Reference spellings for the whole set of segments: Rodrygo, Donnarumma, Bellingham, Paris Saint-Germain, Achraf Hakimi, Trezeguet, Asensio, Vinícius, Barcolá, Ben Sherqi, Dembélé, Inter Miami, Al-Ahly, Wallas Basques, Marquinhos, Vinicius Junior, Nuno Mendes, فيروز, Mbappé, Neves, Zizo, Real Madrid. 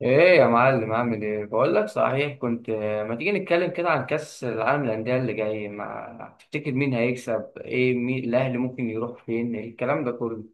ايه يا معلم عامل ايه؟ بقول لك صحيح كنت ما تيجي نتكلم كده عن كأس العالم للأندية اللي جاي؟ ما تفتكر مين هيكسب؟ ايه؟ مين الاهلي ممكن يروح فين؟ الكلام ده كله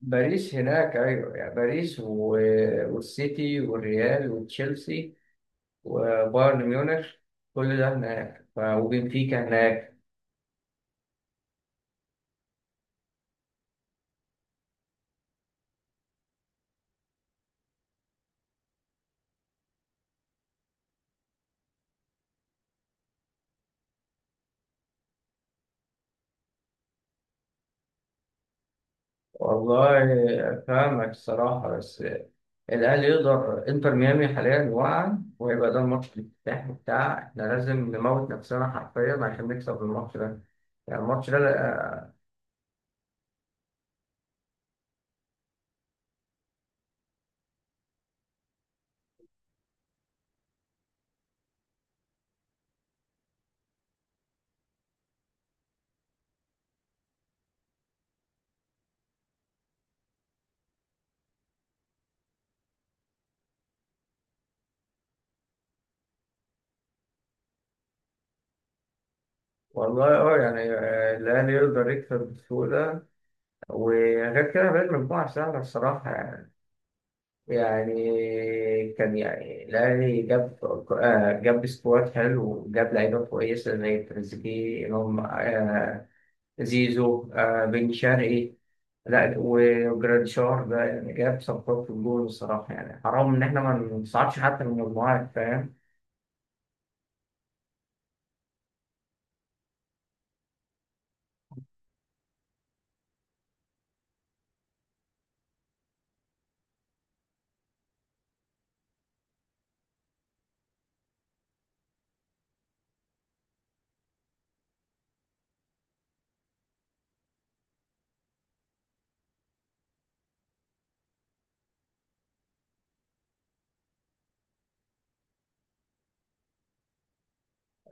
باريس هناك. ايوه، يعني باريس والسيتي والريال وتشيلسي وبايرن ميونخ، كل ده هناك، وبنفيكا هناك. والله فاهمك الصراحة، بس الأهلي يقدر. إنتر ميامي حاليا واقع، وهيبقى ده الماتش الافتتاحي بتاع إحنا، لازم نموت نفسنا حرفيا عشان نكسب الماتش ده. يعني الماتش ده والله اه. يعني الأهلي يقدر يكسب بسهولة، وغير كده بقى المجموعة سهلة الصراحة. يعني يعني كان يعني الأهلي جاب جاب سكواد حلو، وجاب لعيبة كويسة زي تريزيجيه، إمام، زيزو، بن شرقي، لا وجراديشار ده، يعني جاب صفقات في الجول الصراحة. يعني حرام إن إحنا ما نصعدش حتى من المجموعات، فاهم؟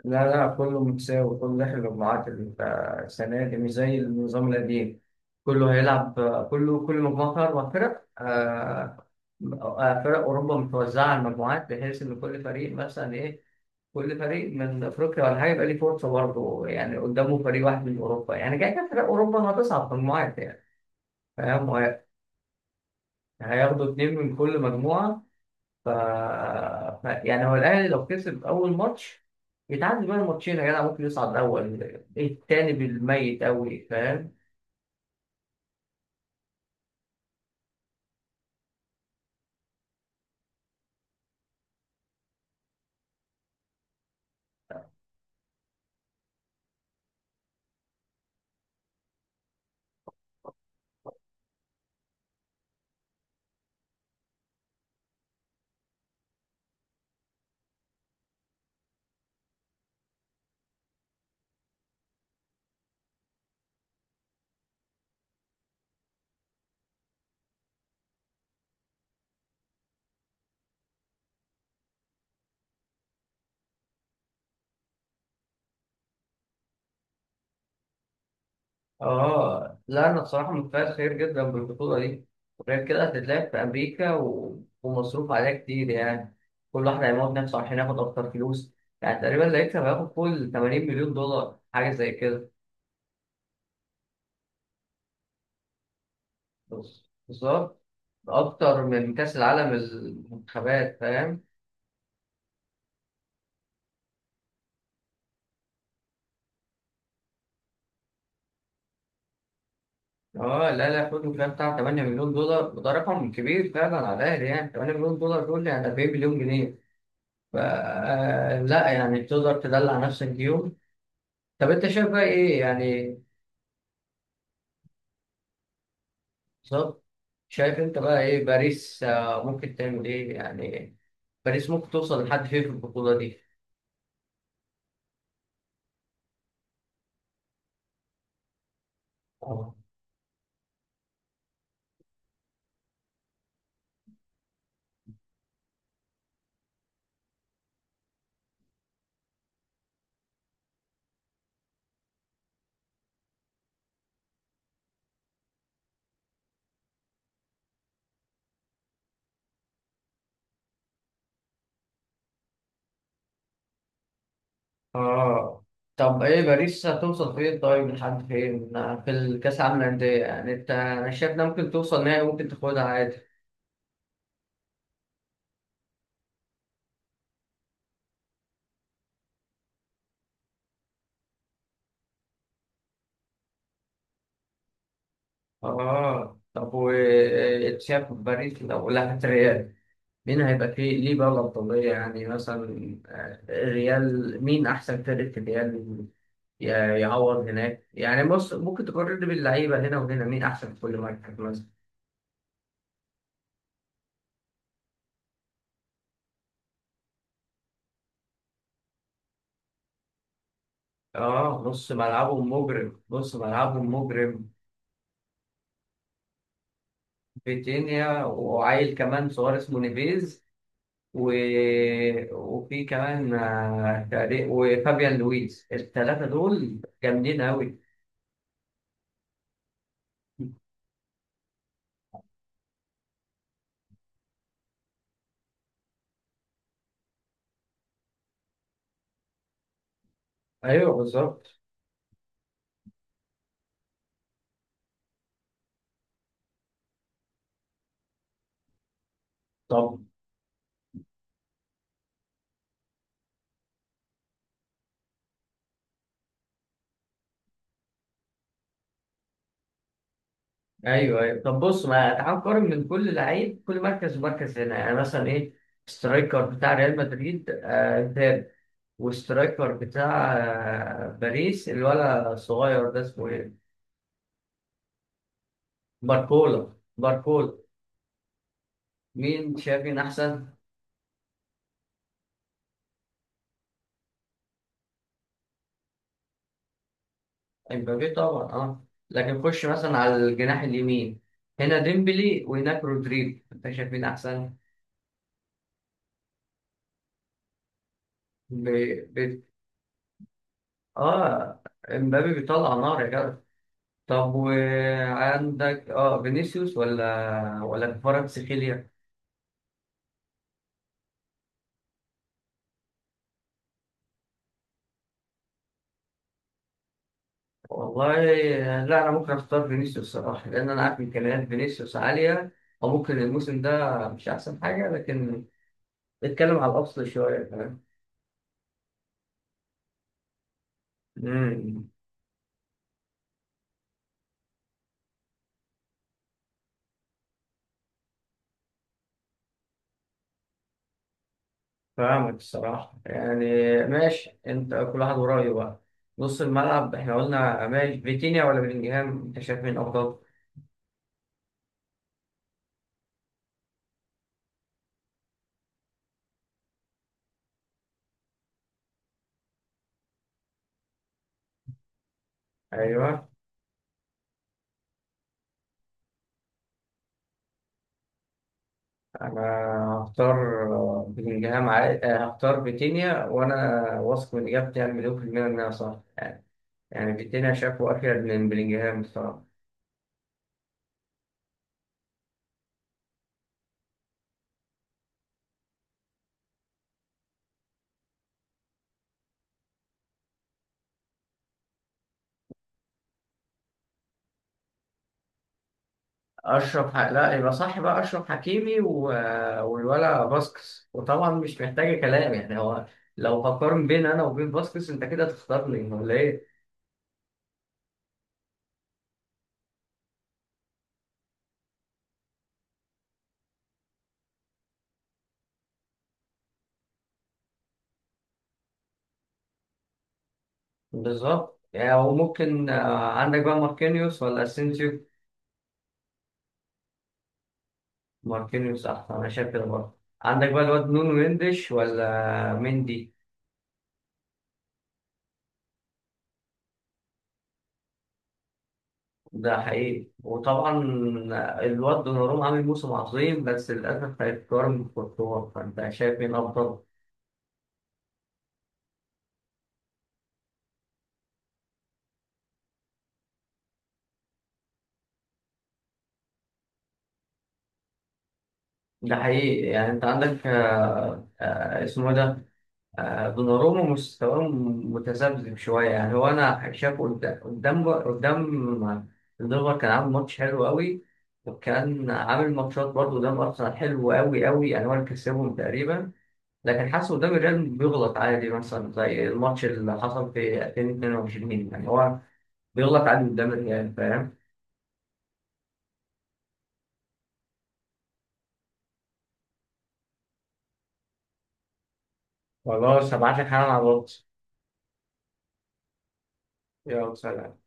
لا لا، كله متساوي، كله داخل المجموعات السنة دي مش زي النظام القديم. كله هيلعب، كله كل مجموعة فيها أربع فرق. فرق أوروبا متوزعة على المجموعات بحيث إن كل فريق مثلا إيه، كل فريق من أفريقيا ولا حاجة يبقى ليه فرصة برضه، يعني قدامه فريق واحد من أوروبا، يعني كده كده فرق أوروبا هتصعد في المجموعات يعني. فاهم؟ هياخدوا اتنين من كل مجموعة. ف... يعني هو الأهلي لو كسب أول ماتش يتعدي بقى الماتشين يا جدع، ممكن يصعد أول. إيه التاني بالميت أوي، فاهم؟ اه لا، أنا بصراحة متفائل خير جدا بالبطولة دي. غير كده هتتلعب في أمريكا ومصروف عليها كتير يعني. كل واحد هيموت نفسه عشان ياخد أكتر فلوس. يعني تقريبا اللي هيكسب هياخد فوق 80 مليون دولار، حاجة زي كده. بص بالظبط، أكتر من كأس العالم المنتخبات، فاهم؟ اه لا لا، خدوا كده بتاع 8 مليون دولار، وده رقم كبير فعلا على الاهلي، يعني 8 مليون دولار دول يعني 40 مليون جنيه. ف لا يعني تقدر تدلع نفسك بيهم. طب انت شايف بقى ايه يعني؟ بالظبط. شايف انت بقى ايه؟ باريس ممكن تعمل ايه يعني؟ باريس ممكن توصل لحد فين في البطولة دي؟ آه. اه طب ايه باريس هتوصل فين؟ طيب لحد فين في الكاس العالم للأندية؟ يعني انت، انا شايف انها ممكن توصل نهائي، ممكن تاخدها عادي. اه طب وتشاف باريس لو لعبت ريال، مين هيبقى فيه ليه بقى الأفضلية يعني؟ مثلا الريال مين أحسن فرقة في الريال؟ ي- يعوض هناك يعني. بص، ممكن تقارن باللعيبة هنا وهنا، مين أحسن في كل مركز مثلا. اه نص ملعبهم مجرم، نص ملعبهم مجرم. فيتينيا وعيل كمان صغير اسمه نيفيز و... وفي كمان وفابيان لويس، الثلاثة دول جامدين أوي. ايوه بالظبط. طب ايوه ايوه. طب بص، ما تعال نقارن من كل لعيب، كل مركز مركز هنا يعني مثلا ايه. سترايكر بتاع ريال مدريد آه، مبابي. وسترايكر بتاع آه باريس، الولد الصغير ده اسمه ايه؟ باركولا، باركولا. مين شايف مين احسن؟ امبابي طبعا، اه. لكن خش مثلا على الجناح اليمين، هنا ديمبلي وهناك رودريجو، انت شايف مين احسن؟ ب... ب... اه، امبابي بيطلع نار يا جدع. طب وعندك اه فينيسيوس ولا ولا كفارة سخيليا؟ والله لا، انا ممكن اختار فينيسيوس الصراحه، لان انا عارف امكانيات فينيسيوس عاليه، او ممكن الموسم ده مش احسن حاجه، لكن نتكلم على الاصل شويه، فاهم؟ امم فاهمك الصراحه يعني. ماشي انت، كل واحد ورايه بقى. نص الملعب احنا قلنا، ماشي. فيتينيا ولا بلينجهام، انت شايف مين افضل؟ ايوه، انا هختار بلينجهام. عادي هختار فيتينيا، وانا واثق من اجابتي. يعني مليون في المية انها صح. يعني فيتينيا شافه افيد من بلينجهام الصراحة. لا يبقى صح بقى اشرف حكيمي والولا باسكس، وطبعا مش محتاجة كلام يعني. هو لو هقارن بين انا وبين باسكس، انت كده تختارني ولا ايه؟ بالظبط، يعني هو ممكن عندك بقى ماركينيوس ولا اسينسيو؟ ماركينيوس احسن، انا شايف كده. برضه عندك بقى الواد نونو مندش ولا مندي. ده حقيقي وطبعا. الواد دوناروما عامل موسم عظيم، بس للأسف هيتقارن بكورتوا، فأنت شايف مين أفضل؟ ده حقيقي. يعني أنت عندك اسمه إيه ده؟ دوناروما مستواه متذبذب شوية. يعني هو أنا شايفه قدام قدام الدنمارك كان عامل ماتش حلو قوي. وكان عامل ماتشات برضه قدام أرسنال حلو قوي قوي، يعني هو اللي كسبهم تقريبا. لكن حاسه قدام الريال بيغلط عادي، مثلا زي الماتش اللي حصل في 2022. يعني هو بيغلط عادي قدام الريال، فاهم؟ خلاص هبعت لك حالا على الواتس. يلا سلام.